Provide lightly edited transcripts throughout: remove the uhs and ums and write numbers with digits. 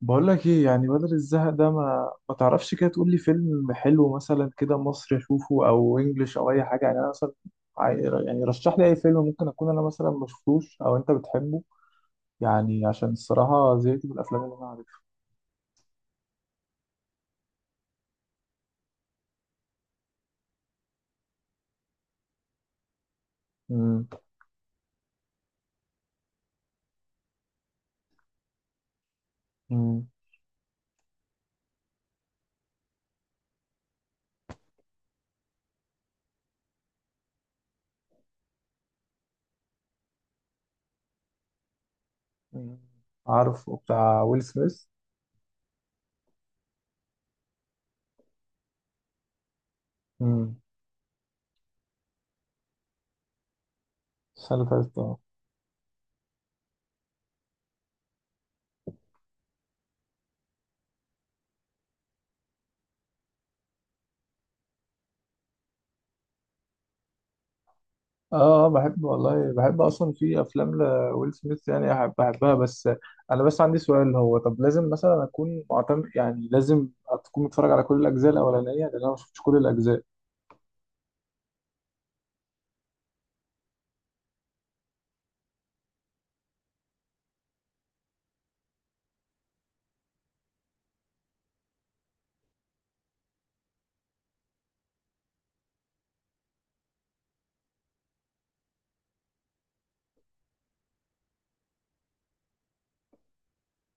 بقول لك ايه؟ يعني بدل الزهق ده ما تعرفش كده تقول لي فيلم حلو مثلا كده مصري اشوفه او انجليش او اي حاجه. يعني انا مثلا عاي- يعني رشح لي اي فيلم ممكن اكون انا مثلا ما شفتوش او انت بتحبه. يعني عشان الصراحه زهقت من الافلام اللي انا عارفها. امم امم عارفه، بتاع ويل سميث. امم السنه اللي فاتت، آه. اه بحب، والله بحب اصلا في افلام لويل سميث. يعني بحبها، بس انا بس عندي سؤال. هو طب لازم مثلا اكون معتمد؟ يعني لازم تكون متفرج على كل الاجزاء الاولانيه؟ لان انا ما شفتش كل الاجزاء.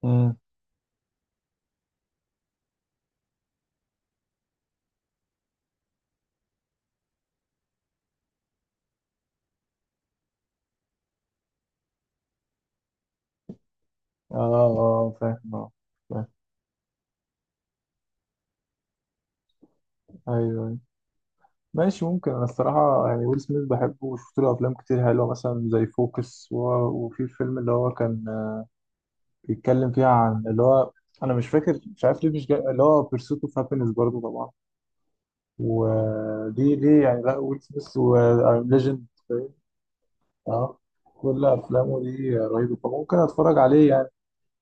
امم اه، اه فاهم، اه فاهم. ايوه، أيوة. ماشي. ممكن انا الصراحه، يعني ويل سميث بحبه وشفت له افلام كتير حلوه، مثلا زي فوكس وفي الفيلم اللي هو كان بيتكلم فيها عن اللي هو، انا مش فاكر، مش عارف ليه مش جاي، اللي هو بيرسوت اوف هابينس برضه طبعا. ودي يعني، لا ويل سميث وأيم ليجند فاهم؟ اه، كل افلامه دي رهيبه، فممكن اتفرج عليه يعني.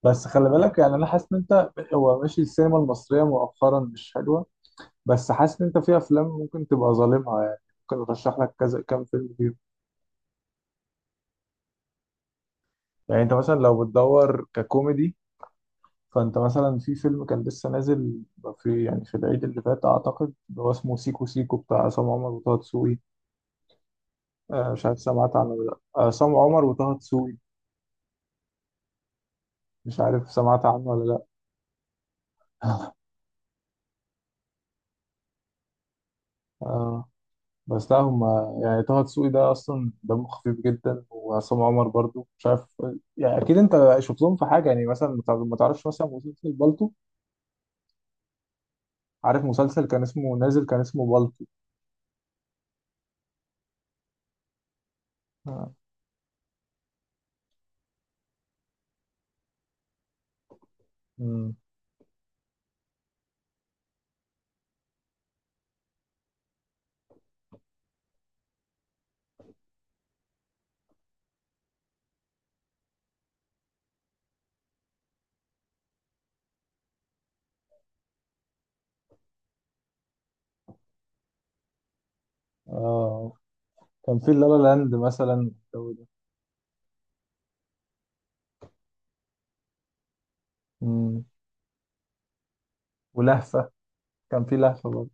بس خلي بالك، يعني انا حاسس ان انت، هو ماشي السينما المصريه مؤخرا مش حلوه، بس حاسس ان انت في افلام ممكن تبقى ظالمها يعني. ممكن ارشح لك كذا كام فيلم فيهم. يعني انت مثلا لو بتدور ككوميدي، فانت مثلا في فيلم كان لسه نازل في، يعني في العيد اللي فات اعتقد، اللي هو اسمه سيكو سيكو بتاع عصام عمر وطه دسوقي، آه، مش عارف سمعت عنه ولا لا، آه، عصام عمر وطه دسوقي. مش عارف سمعت عنه ولا لا؟ آه، بس لا هم، يعني طه دسوقي ده اصلا دمه خفيف جدا، وعصام عمر برضو. مش عارف، يعني اكيد انت شفتهم في حاجه، يعني مثلا ما تعرفش مثلا مسلسل بالطو؟ عارف مسلسل كان اسمه نازل، كان اسمه بالطو؟ آه. مم. آه. كان في لالا لاند مثلا والجو ده. مم. ولهفه. كان في لهفه برضو.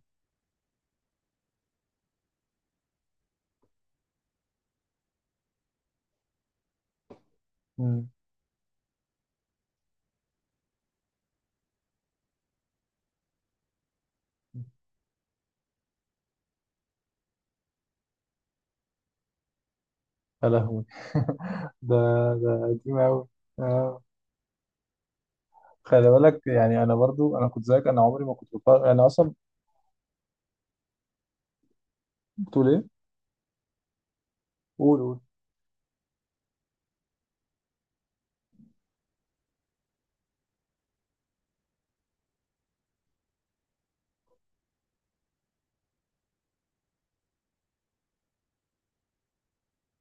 مم. يا لهوي. ده، ده قديم أوي، آه. خلي بالك، يعني أنا برضو أنا كنت زيك، أنا عمري ما كنت بتفرج، أنا أصلا، بتقول ايه؟ قول، قول.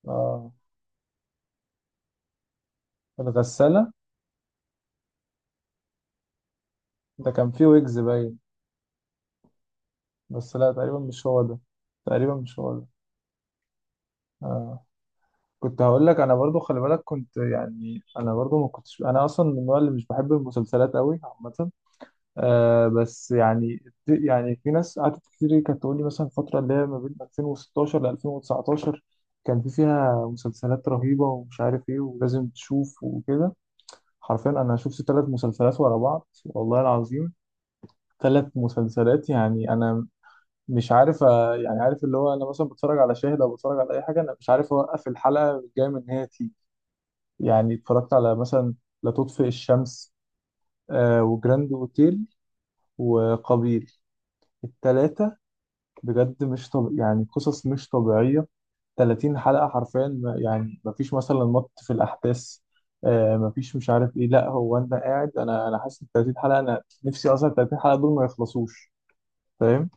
اه، الغسالة، ده كان فيه ويجز باين، بس لا تقريبا مش هو ده، تقريبا مش هو ده، آه. كنت هقول لك، انا برضو خلي بالك، كنت يعني انا برضو ما كنتش، انا اصلا من النوع اللي مش بحب المسلسلات قوي عامة، آه، بس يعني، يعني في ناس قعدت كتير كانت تقول لي مثلا الفترة اللي هي ما بين 2016 ل 2019 كان في فيها مسلسلات رهيبة ومش عارف ايه، ولازم تشوف وكده. حرفيا انا شفت ثلاث مسلسلات ورا بعض، والله العظيم ثلاث مسلسلات. يعني انا مش عارف، آه، يعني عارف اللي هو، انا مثلا بتفرج على شاهد او بتفرج على اي حاجه، انا مش عارف اوقف الحلقه، جاي من ان هي تيجي. يعني اتفرجت على مثلا لا تطفئ الشمس، آه، وجراند اوتيل، وقابيل. التلاتة بجد، مش طب يعني، قصص مش طبيعية. 30 حلقة حرفيا يعني ما فيش مثلا في الأحداث، آه ما فيش، مش عارف إيه، لا هو أنت قاعد، أنا حاسس إن 30 حلقة، أنا نفسي أصلا 30 حلقة دول ما يخلصوش، فاهم؟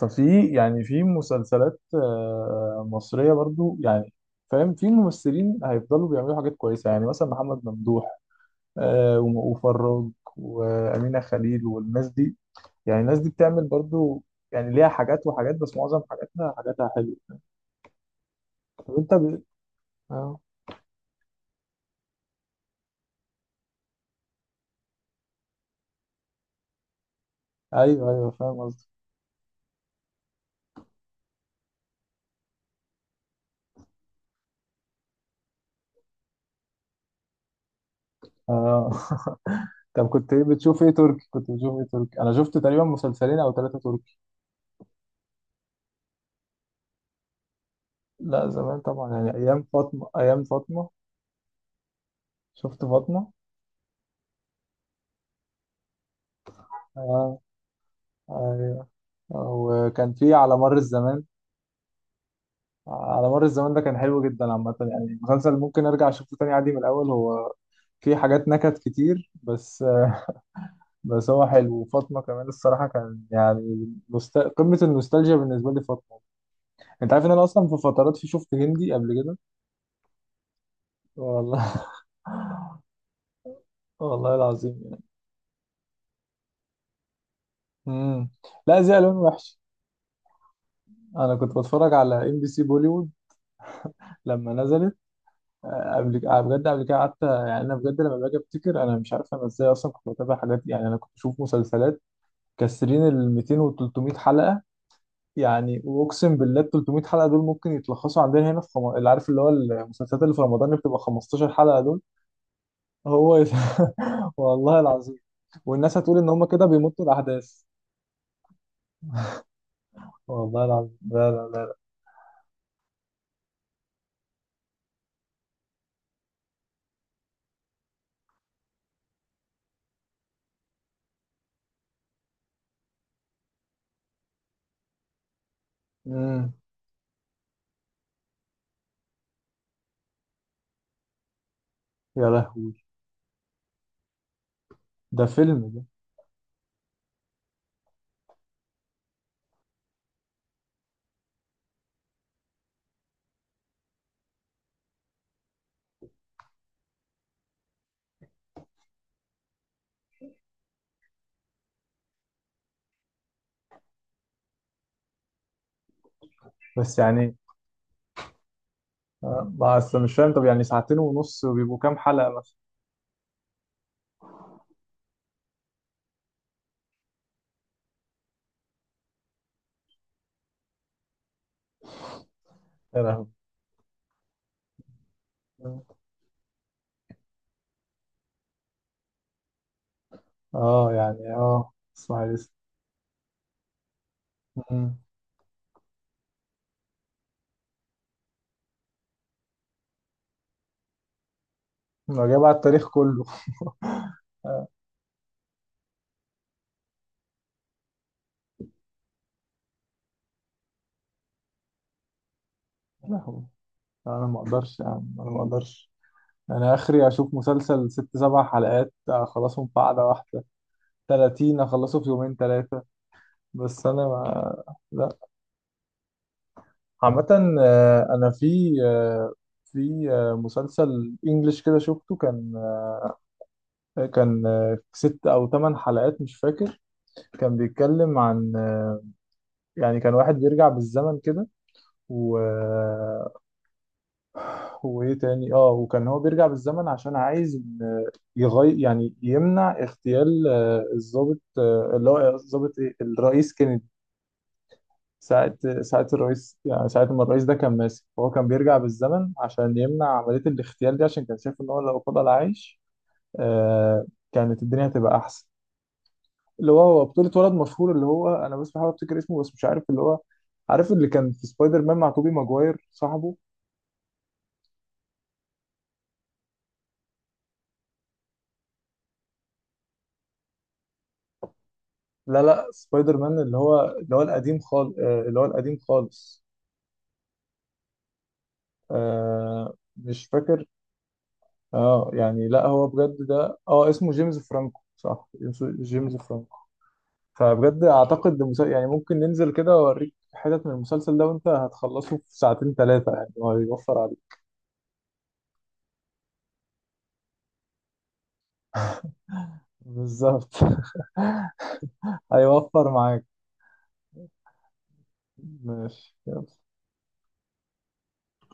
ففي يعني في مسلسلات آه، مصرية برضو، يعني فاهم، في ممثلين هيفضلوا بيعملوا حاجات كويسة، يعني مثلا محمد ممدوح آه، وفراج، وأمينة خليل، والناس دي، يعني الناس دي بتعمل برضو، يعني ليها حاجات وحاجات، بس معظم حاجاتها حلوة. طب انت آه. ايوه، ايوه فاهم قصدك. آه. طب كنت ايه بتشوف؟ ايه تركي كنت بتشوف؟ ايه تركي؟ انا شفت تقريبا مسلسلين او ثلاثة تركي. لا زمان طبعا، يعني ايام فاطمة، ايام فاطمة. شفت فاطمة، آه. ايوه. وكان في على مر الزمان. على مر الزمان ده كان حلو جدا عامة، يعني مسلسل ممكن ارجع اشوفه تاني عادي من الاول. هو في حاجات نكت كتير بس، بس هو حلو. وفاطمة كمان الصراحة كان يعني قمة النوستالجيا بالنسبة لي فاطمة. انت عارف ان انا اصلا في فترات في، شفت هندي قبل كده. والله، والله العظيم يعني. امم. لا زي الوان وحش. انا كنت بتفرج على ام بي سي بوليوود لما نزلت، آه، قبل كده بجد. قبل كده قعدت يعني انا بجد، لما باجي افتكر انا مش عارف انا ازاي اصلا كنت بتابع حاجات دي. يعني انا كنت بشوف مسلسلات كسرين ال 200 وال 300 حلقه. يعني واقسم بالله ال 300 حلقه دول ممكن يتلخصوا عندنا هنا في اللي عارف اللي هو المسلسلات اللي في رمضان اللي بتبقى 15 حلقه دول. هو والله العظيم. والناس هتقول ان هم كده بيمطوا الاحداث. والله العظيم، لا لا. امم. يا لهوي، ده فيلم ده! بس يعني آه، ما أصل مش فاهم، طب يعني ساعتين ونص وبيبقوا كام حلقه مثلا؟ يا لهوي. اه يعني، اه، اسماعيل ياسين. مم. لو جاي بقى التاريخ كله. لا هو- لا، انا ما اقدرش، يعني انا ما اقدرش. انا اخري اشوف مسلسل ست سبع حلقات اخلصهم في قعده واحده، 30 اخلصه في يومين ثلاثه، بس انا ما، لا. عامه آه، انا في آه، في آه، مسلسل انجلش كده شفته، كان آه، كان آه، ست او ثمان حلقات مش فاكر. كان بيتكلم عن آه، يعني كان واحد بيرجع بالزمن كده، و آه، وايه تاني، اه وكان هو بيرجع بالزمن عشان عايز إن يغير، يعني يمنع اغتيال آه، الضابط آه، اللي هو الضابط، ايه، الرئيس كينيدي، ساعة ساعة الرئيس، يعني ساعة ما الرئيس ده كان ماسك، فهو كان بيرجع بالزمن عشان يمنع عملية الاغتيال دي، عشان كان شايف ان هو لو فضل عايش آه، كانت الدنيا هتبقى احسن. اللي هو هو بطولة ولد مشهور، اللي هو انا بس بحاول افتكر اسمه بس مش عارف، اللي هو عارف اللي كان في سبايدر مان مع توبي ماجواير، صاحبه. لا لا، سبايدر مان اللي هو، اللي هو القديم خالص، اللي هو القديم خالص. آه، مش فاكر. اه، يعني لا، هو بجد ده، اه اسمه جيمس فرانكو، صح، اسمه جيمس فرانكو. فبجد اعتقد ده يعني ممكن ننزل كده واوريك حتت من المسلسل ده، وانت هتخلصه في ساعتين ثلاثة يعني، هو هيوفر عليك. بالظبط. هيوفر معاك. ماشي، يلا.